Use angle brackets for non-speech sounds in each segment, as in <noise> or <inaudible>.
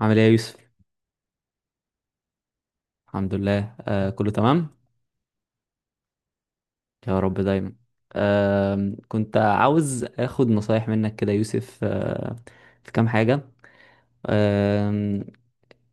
عامل ايه يا يوسف؟ الحمد لله، كله تمام. يا رب دايما. كنت عاوز اخد نصايح منك كده يا يوسف. في كام حاجة. آه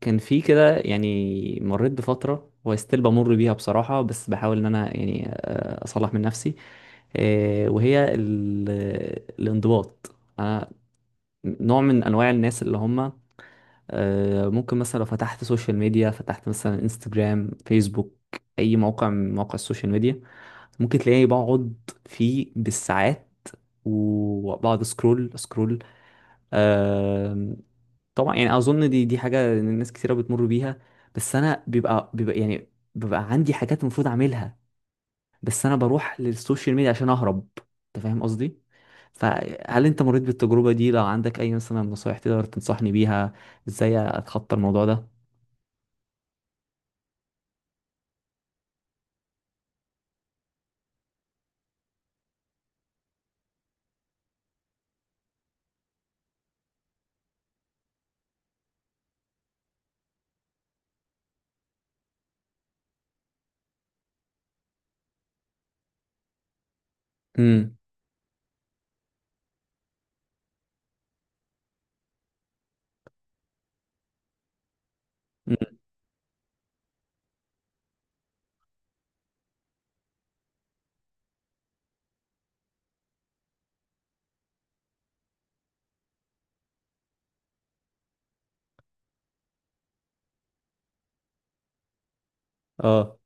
كان في كده مريت بفترة وستيل بمر بيها بصراحة، بس بحاول ان انا اصلح من نفسي. آه وهي ال- الانضباط. نوع من انواع الناس اللي هم، ممكن مثلا لو فتحت سوشيال ميديا، فتحت مثلا انستجرام، فيسبوك، اي موقع من مواقع السوشيال ميديا، ممكن تلاقيني بقعد فيه بالساعات، وبقعد سكرول. آم، طبعا يعني اظن دي حاجه إن الناس كتيره بتمر بيها. بس انا بيبقى يعني بيبقى عندي حاجات المفروض اعملها، بس انا بروح للسوشيال ميديا عشان اهرب. انت فاهم قصدي؟ فهل انت مريت بالتجربة دي؟ لو عندك اي مثلا نصايح تقدر تنصحني بيها ازاي اتخطى الموضوع ده. امم. اه.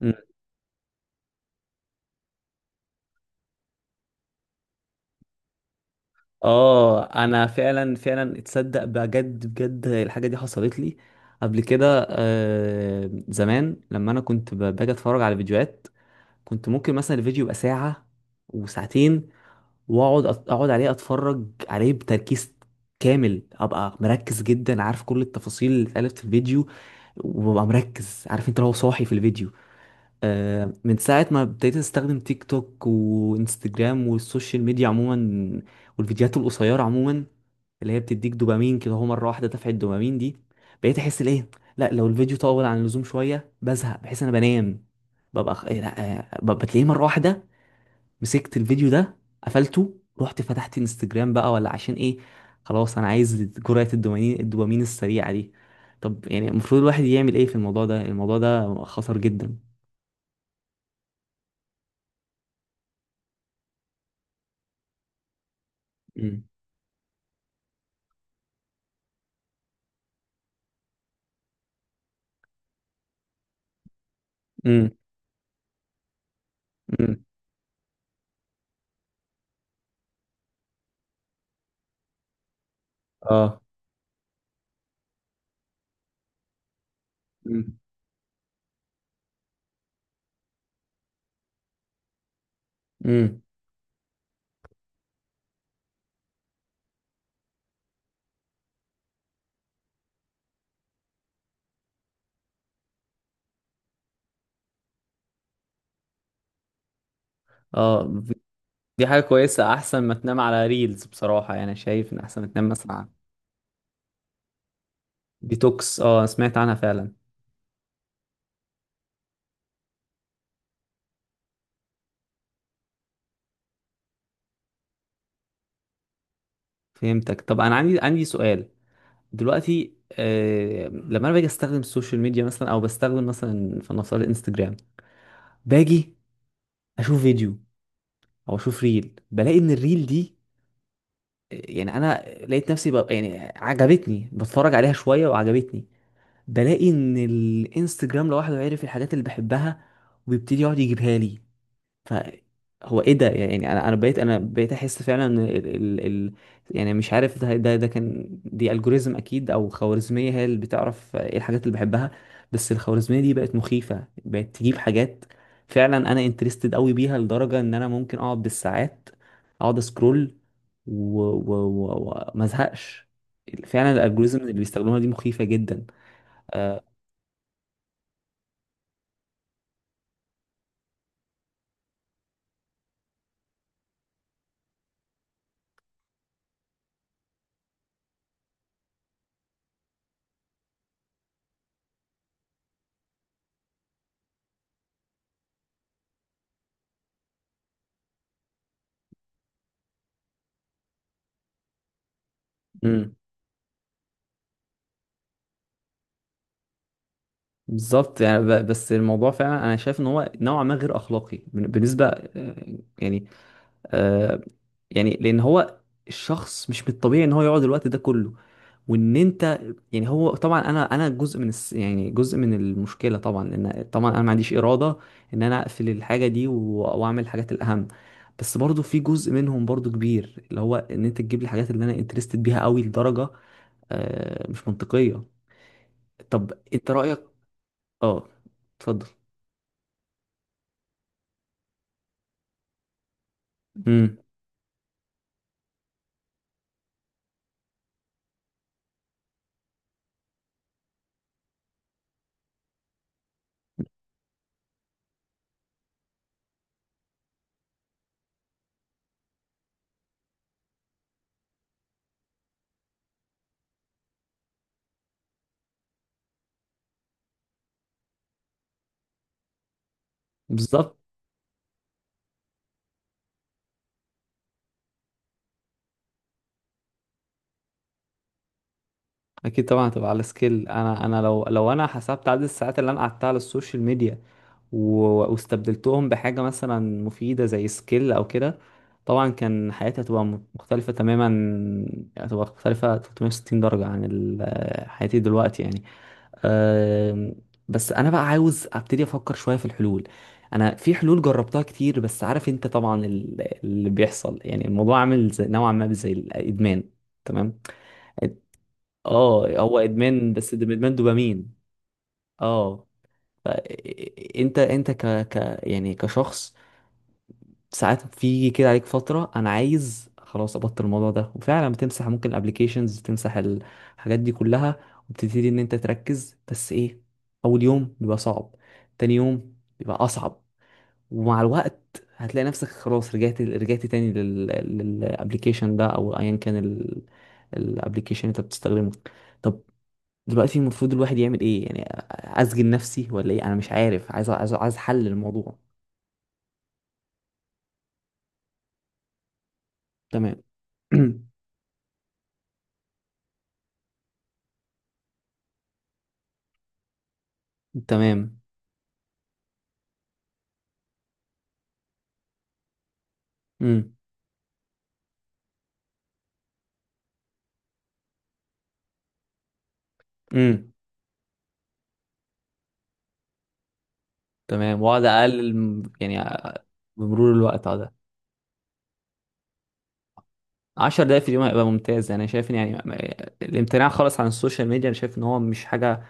مم. اه انا فعلا فعلا اتصدق بجد بجد الحاجة دي حصلت لي قبل كده. زمان لما انا كنت باجي اتفرج على فيديوهات، كنت ممكن مثلا الفيديو يبقى ساعة وساعتين، واقعد عليه اتفرج عليه بتركيز كامل، ابقى مركز جدا عارف كل التفاصيل اللي اتقالت في الفيديو، وببقى مركز عارف انت لو صاحي في الفيديو. من ساعة ما ابتديت استخدم تيك توك وانستجرام والسوشيال ميديا عموما، والفيديوهات القصيرة عموما، اللي هي بتديك دوبامين كده، هو مرة واحدة دفعة الدوبامين دي، بقيت احس الايه، لا لو الفيديو طول عن اللزوم شوية بزهق، بحس انا بنام، ببقى خ- إيه، لا آه، ببقى تلاقيه مرة واحدة مسكت الفيديو ده قفلته، رحت فتحت انستجرام بقى، ولا عشان ايه؟ خلاص انا عايز جرعة الدوبامين السريعة دي. طب يعني المفروض الواحد يعمل ايه في الموضوع ده؟ الموضوع ده خطر جدا. امم. امم. امم. اه. امم. امم. اه دي حاجة كويسة، احسن ما تنام على ريلز بصراحة. يعني شايف ان احسن ما تنام مثلا على ديتوكس. اه سمعت عنها فعلا. فهمتك. طب انا عندي سؤال دلوقتي. لما انا باجي استخدم السوشيال ميديا، مثلا او بستخدم مثلا فلنفترض انستجرام، باجي اشوف فيديو او اشوف ريل، بلاقي ان الريل دي، يعني انا لقيت نفسي بقى يعني عجبتني، بتفرج عليها شويه وعجبتني، بلاقي ان الانستجرام لوحده عرف الحاجات اللي بحبها، وبيبتدي يقعد يجيبها لي. فهو ايه ده؟ يعني انا بقيت بقيت احس فعلا ان ال يعني مش عارف، ده كان دي الجوريزم اكيد، او خوارزميه هي اللي بتعرف ايه الحاجات اللي بحبها. بس الخوارزميه دي بقت مخيفه، بقت تجيب حاجات فعلا انا انترستد قوي بيها لدرجه ان انا ممكن اقعد بالساعات اقعد اسكرول وما ازهقش. فعلا الالجوريزم اللي بيستخدموها دي مخيفه جدا. بالظبط. يعني بس الموضوع فعلا انا شايف ان هو نوعا ما غير اخلاقي بالنسبه، آه، يعني لان هو الشخص مش من الطبيعي ان هو يقعد الوقت ده كله، وان انت، يعني هو طبعا انا جزء من يعني جزء من المشكله طبعا، ان طبعا انا ما عنديش اراده ان انا اقفل الحاجه دي واعمل الحاجات الاهم. بس برضو في جزء منهم برضو كبير، اللي هو ان انت تجيب لي الحاجات اللي انا انترستد بيها قوي لدرجه مش منطقيه. طب انت رايك؟ اه. اتفضل. امم. بالظبط. اكيد طبعا هتبقى على سكيل. انا انا لو انا حسبت عدد الساعات اللي انا قعدتها على السوشيال ميديا واستبدلتهم بحاجه مثلا مفيده زي سكيل او كده، طبعا كان حياتي هتبقى مختلفه تماما، هتبقى مختلفه 360 درجه عن حياتي دلوقتي يعني. أم، بس انا بقى عاوز ابتدي افكر شويه في الحلول. انا في حلول جربتها كتير، بس عارف انت طبعا اللي بيحصل، يعني الموضوع عامل نوعا ما زي الادمان. تمام. اه هو ادمان، بس ده ادمان دوبامين. اه. ف- انت انت ك ك يعني كشخص، ساعات في كده عليك فتره انا عايز خلاص ابطل الموضوع ده، وفعلا بتمسح، ممكن الابليكيشنز تمسح الحاجات دي كلها، وبتبتدي ان انت تركز، بس ايه، اول يوم بيبقى صعب، تاني يوم بيبقى اصعب، ومع الوقت هتلاقي نفسك خلاص رجعت تاني للابليكيشن ده او ايا كان الابليكيشن انت بتستخدمه. طب دلوقتي المفروض الواحد يعمل ايه يعني؟ اسجن نفسي ولا ايه؟ انا مش عارف، عايز حل للموضوع. تمام. <clears throat> تمام. امم. امم. تمام، واقعد اقلل بمرور الوقت على ده. 10 دقايق في اليوم هيبقى ممتاز. انا شايف ان يعني الامتناع خالص عن السوشيال ميديا، انا شايف ان هو مش حاجه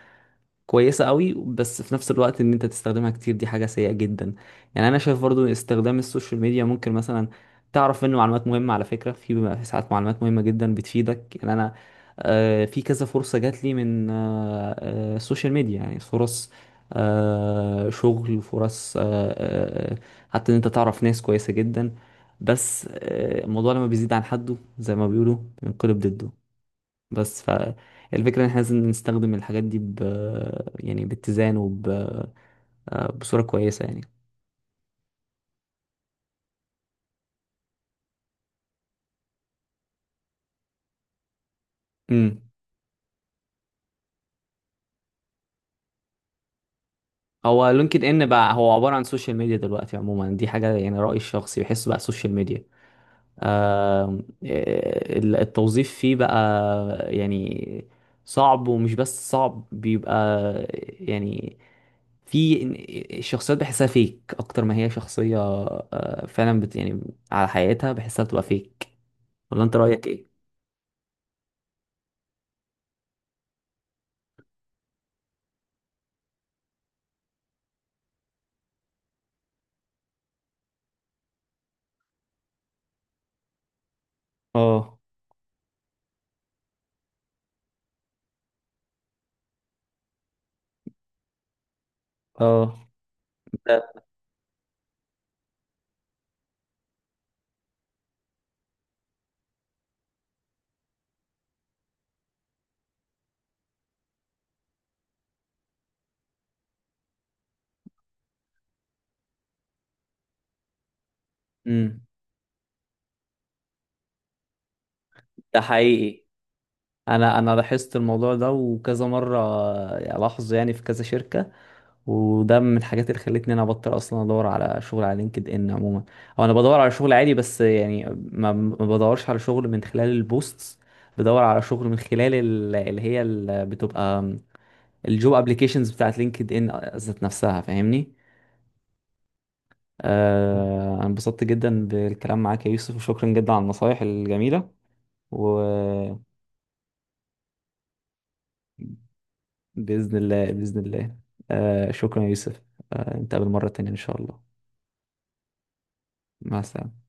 كويسة قوي، بس في نفس الوقت ان انت تستخدمها كتير دي حاجة سيئة جدا. يعني انا شايف برضو استخدام السوشيال ميديا ممكن مثلا تعرف منه معلومات مهمة على فكرة، في بيبقى في ساعات معلومات مهمة جدا بتفيدك. يعني انا، في كذا فرصة جات لي من السوشيال ميديا، يعني فرص شغل، فرص، حتى ان انت تعرف ناس كويسة جدا. بس الموضوع لما بيزيد عن حده زي ما بيقولوا بينقلب ضده. بس فالفكرة ان احنا لازم نستخدم الحاجات دي ب، يعني باتزان وب آه، بصورة كويسة يعني. امم. هو لينكد ان بقى هو عبارة عن سوشيال ميديا دلوقتي عموما، دي حاجة يعني رأيي الشخصي بحسه بقى سوشيال ميديا. التوظيف فيه بقى يعني صعب، ومش بس صعب، بيبقى يعني في الشخصيات بحسها فيك اكتر ما هي شخصية فعلا يعني على حقيقتها، بحسها بتبقى فيك. ولا انت رأيك ايه؟ اه. اه. ده. امم. ده حقيقي. انا انا لاحظت الموضوع ده وكذا مره الاحظه، يعني في كذا شركه. وده من الحاجات اللي خلتني انا ابطل اصلا ادور على شغل على لينكد ان عموما. او انا بدور على شغل عادي، بس يعني ما بدورش على شغل من خلال البوستس، بدور على شغل من خلال بتبقى الجوب ابليكيشنز بتاعت لينكد ان ذات نفسها، فاهمني. آه انا انبسطت جدا بالكلام معاك يا يوسف، وشكرا جدا على النصايح الجميله. و، بإذن الله، بإذن الله. شكرا يا يوسف. نتقابل مرة تانية إن شاء الله. مع السلامة.